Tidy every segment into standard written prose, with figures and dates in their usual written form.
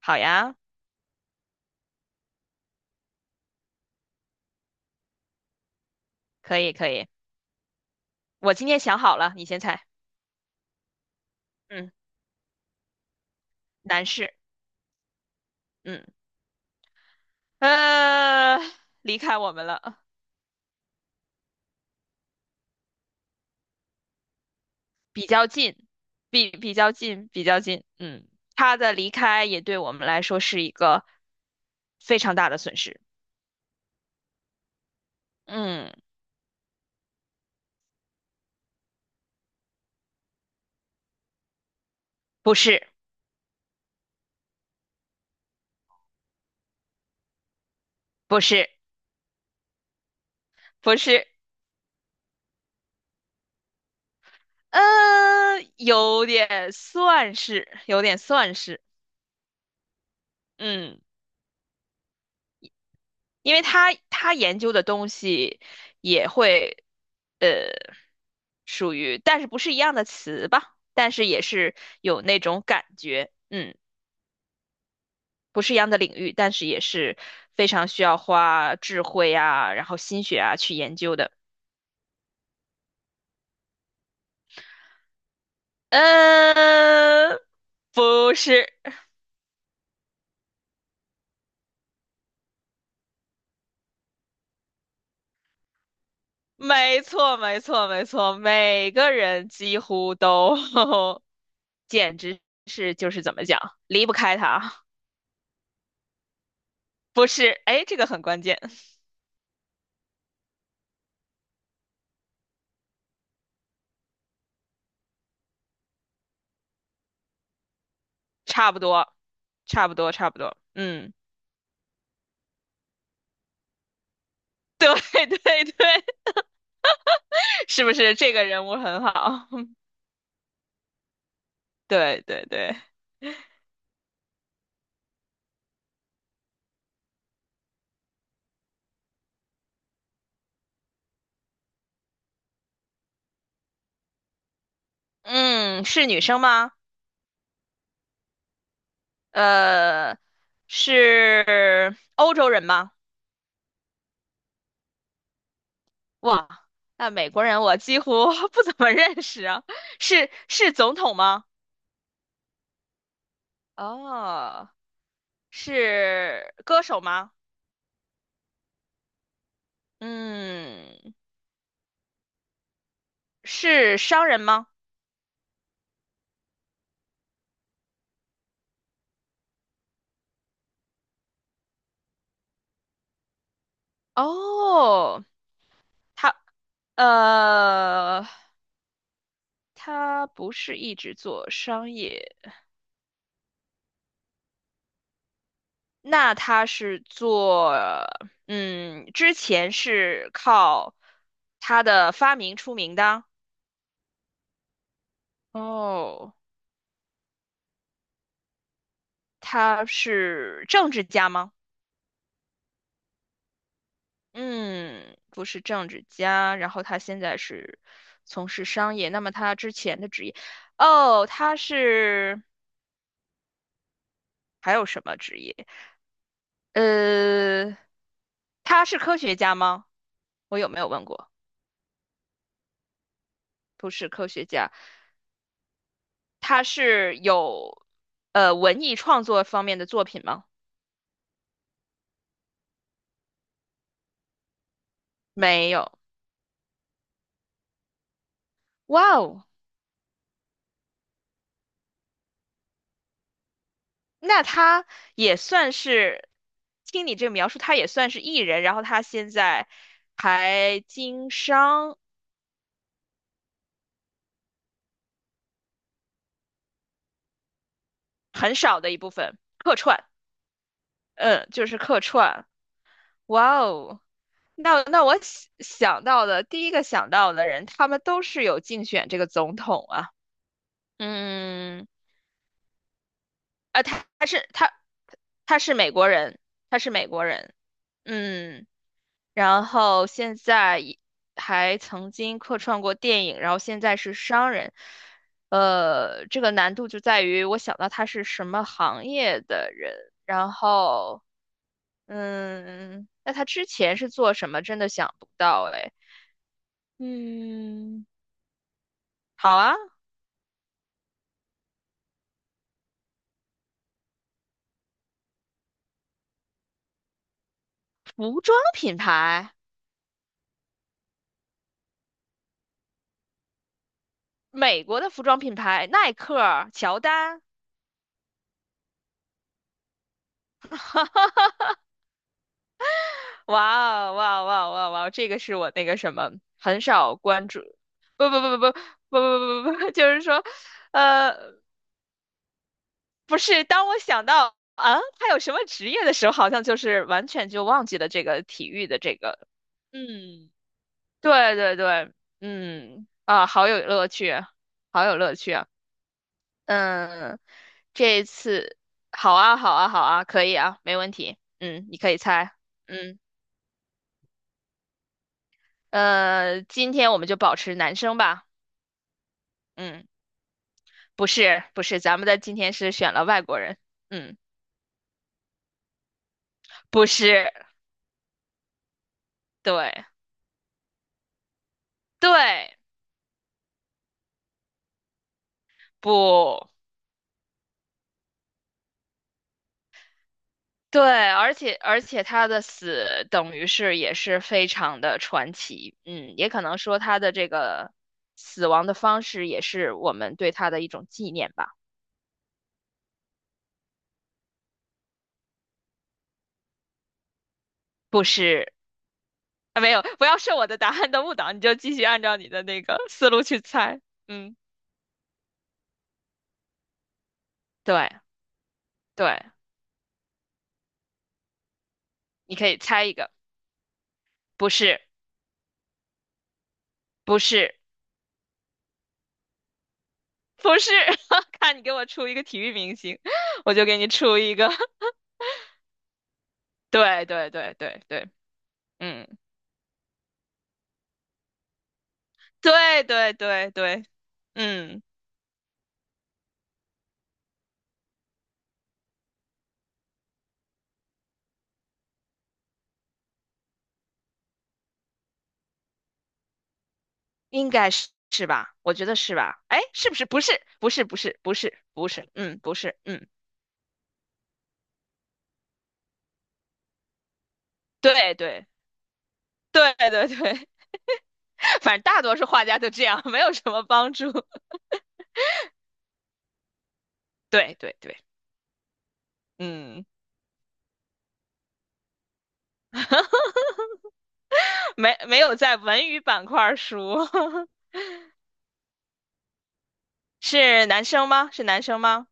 好呀，可以可以，我今天想好了，你先猜。嗯，男士。嗯，呃，离开我们了。比较近，比较近，比较近。嗯，他的离开也对我们来说是一个非常大的损失。嗯，不是，不是，不是。呃，有点算是，有点算是。嗯。因为他研究的东西也会，呃，属于，但是不是一样的词吧，但是也是有那种感觉。嗯，不是一样的领域，但是也是非常需要花智慧啊，然后心血啊去研究的。嗯，不是。没错，没错，没错，每个人几乎都，简直是就是怎么讲，离不开它。不是，哎，这个很关键。差不多，差不多，差不多。嗯，对 对对，是不是这个人物很好？对对对。嗯，是女生吗？呃，是欧洲人吗？哇，那美国人我几乎 不怎么认识啊。是总统吗？哦，是歌手吗？嗯，是商人吗？哦，他呃，他不是一直做商业，那他是做，嗯，之前是靠他的发明出名的。哦，他是政治家吗？嗯，不是政治家，然后他现在是从事商业。那么他之前的职业，哦，他是还有什么职业？呃，他是科学家吗？我有没有问过？不是科学家。他是有文艺创作方面的作品吗？没有。哇哦，那他也算是，听你这个描述，他也算是艺人，然后他现在还经商很少的一部分客串。嗯，就是客串。哇哦，那我想到的第一个想到的人，他们都是有竞选这个总统啊。嗯，啊，他是他是美国人，他是美国人。嗯，然后现在也还曾经客串过电影，然后现在是商人。呃，这个难度就在于我想到他是什么行业的人，然后嗯，那他之前是做什么，真的想不到哎。嗯，好啊，服装品牌，美国的服装品牌，耐克、乔丹。哇哦哇哦哇哦哇哦哇哦这个是我那个什么很少关注。不不不不不不就是说，呃，不是，当我想到啊，他有什么职业的时候，好像就是完全就忘记了这个体育的这个。嗯，对对对。嗯啊，好有乐趣啊，好有乐趣啊。嗯，这一次好啊好啊好啊，可以啊，没问题。嗯，你可以猜。嗯今天我们就保持男生吧。嗯，不是不是，咱们的今天是选了外国人。嗯，不是。对对不对，而且他的死等于是也是非常的传奇。嗯，也可能说他的这个死亡的方式也是我们对他的一种纪念吧。不是，啊，没有，不要受我的答案的误导，你就继续按照你的那个思路去猜。嗯，对对，你可以猜一个，不是不是。不是。看你给我出一个体育明星，我就给你出一个。对对对对对。嗯，对对对对。嗯，应该是是吧？我觉得是吧？哎，是不是？不是，不是，不是，不是，不是。嗯，不是。嗯，对对对对对。反正大多数画家都这样，没有什么帮助。对对对。嗯，没没有在文娱板块儿输。是男生吗？是男生吗？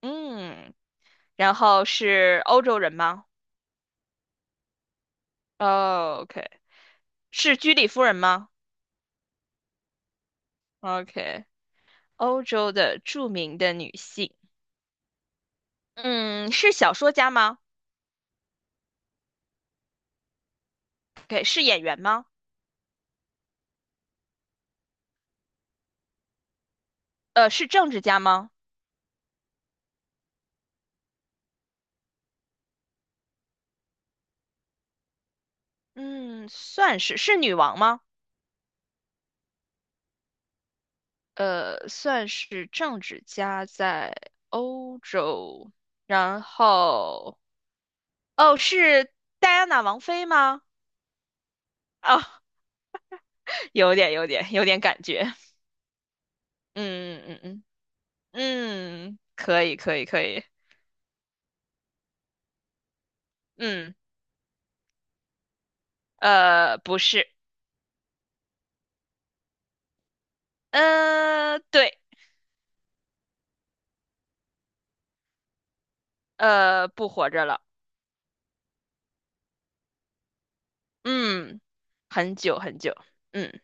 嗯。然后是欧洲人吗？哦，OK，是居里夫人吗？OK，欧洲的著名的女性。嗯，是小说家吗？OK，是演员吗？是政治家吗？嗯，算是，是女王吗？呃，算是政治家在欧洲，然后哦，是戴安娜王妃吗？哦，有点，有点，有点感觉。嗯嗯嗯嗯，嗯可以，可以，可以。嗯，不是。对。不活着了。嗯，很久很久。嗯，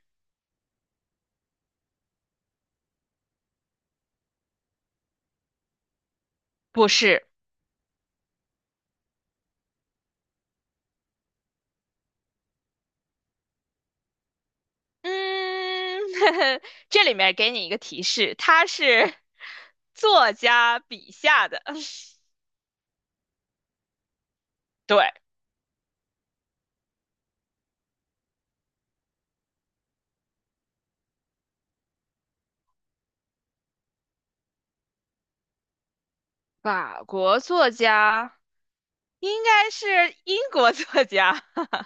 不是。嗯，这里面给你一个提示，他是 作家笔下的，对。法国作家，应该是英国作家，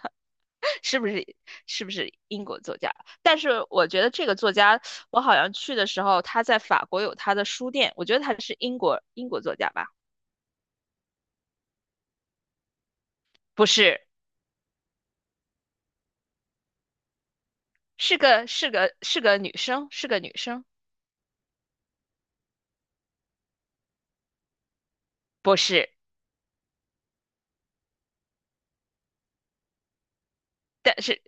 是不是？是不是英国作家？但是我觉得这个作家，我好像去的时候，他在法国有他的书店，我觉得他是英国作家吧。不是，是个是个是个女生，是个女生。不是，但是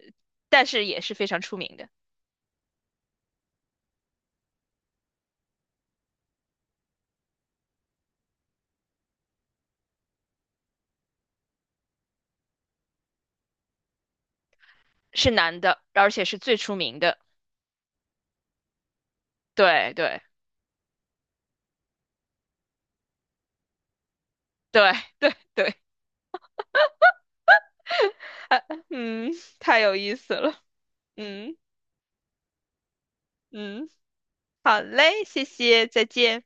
也是非常出名的。是男的，而且是最出名的。对对对对对。嗯，太有意思了。嗯嗯，好嘞，谢谢，再见。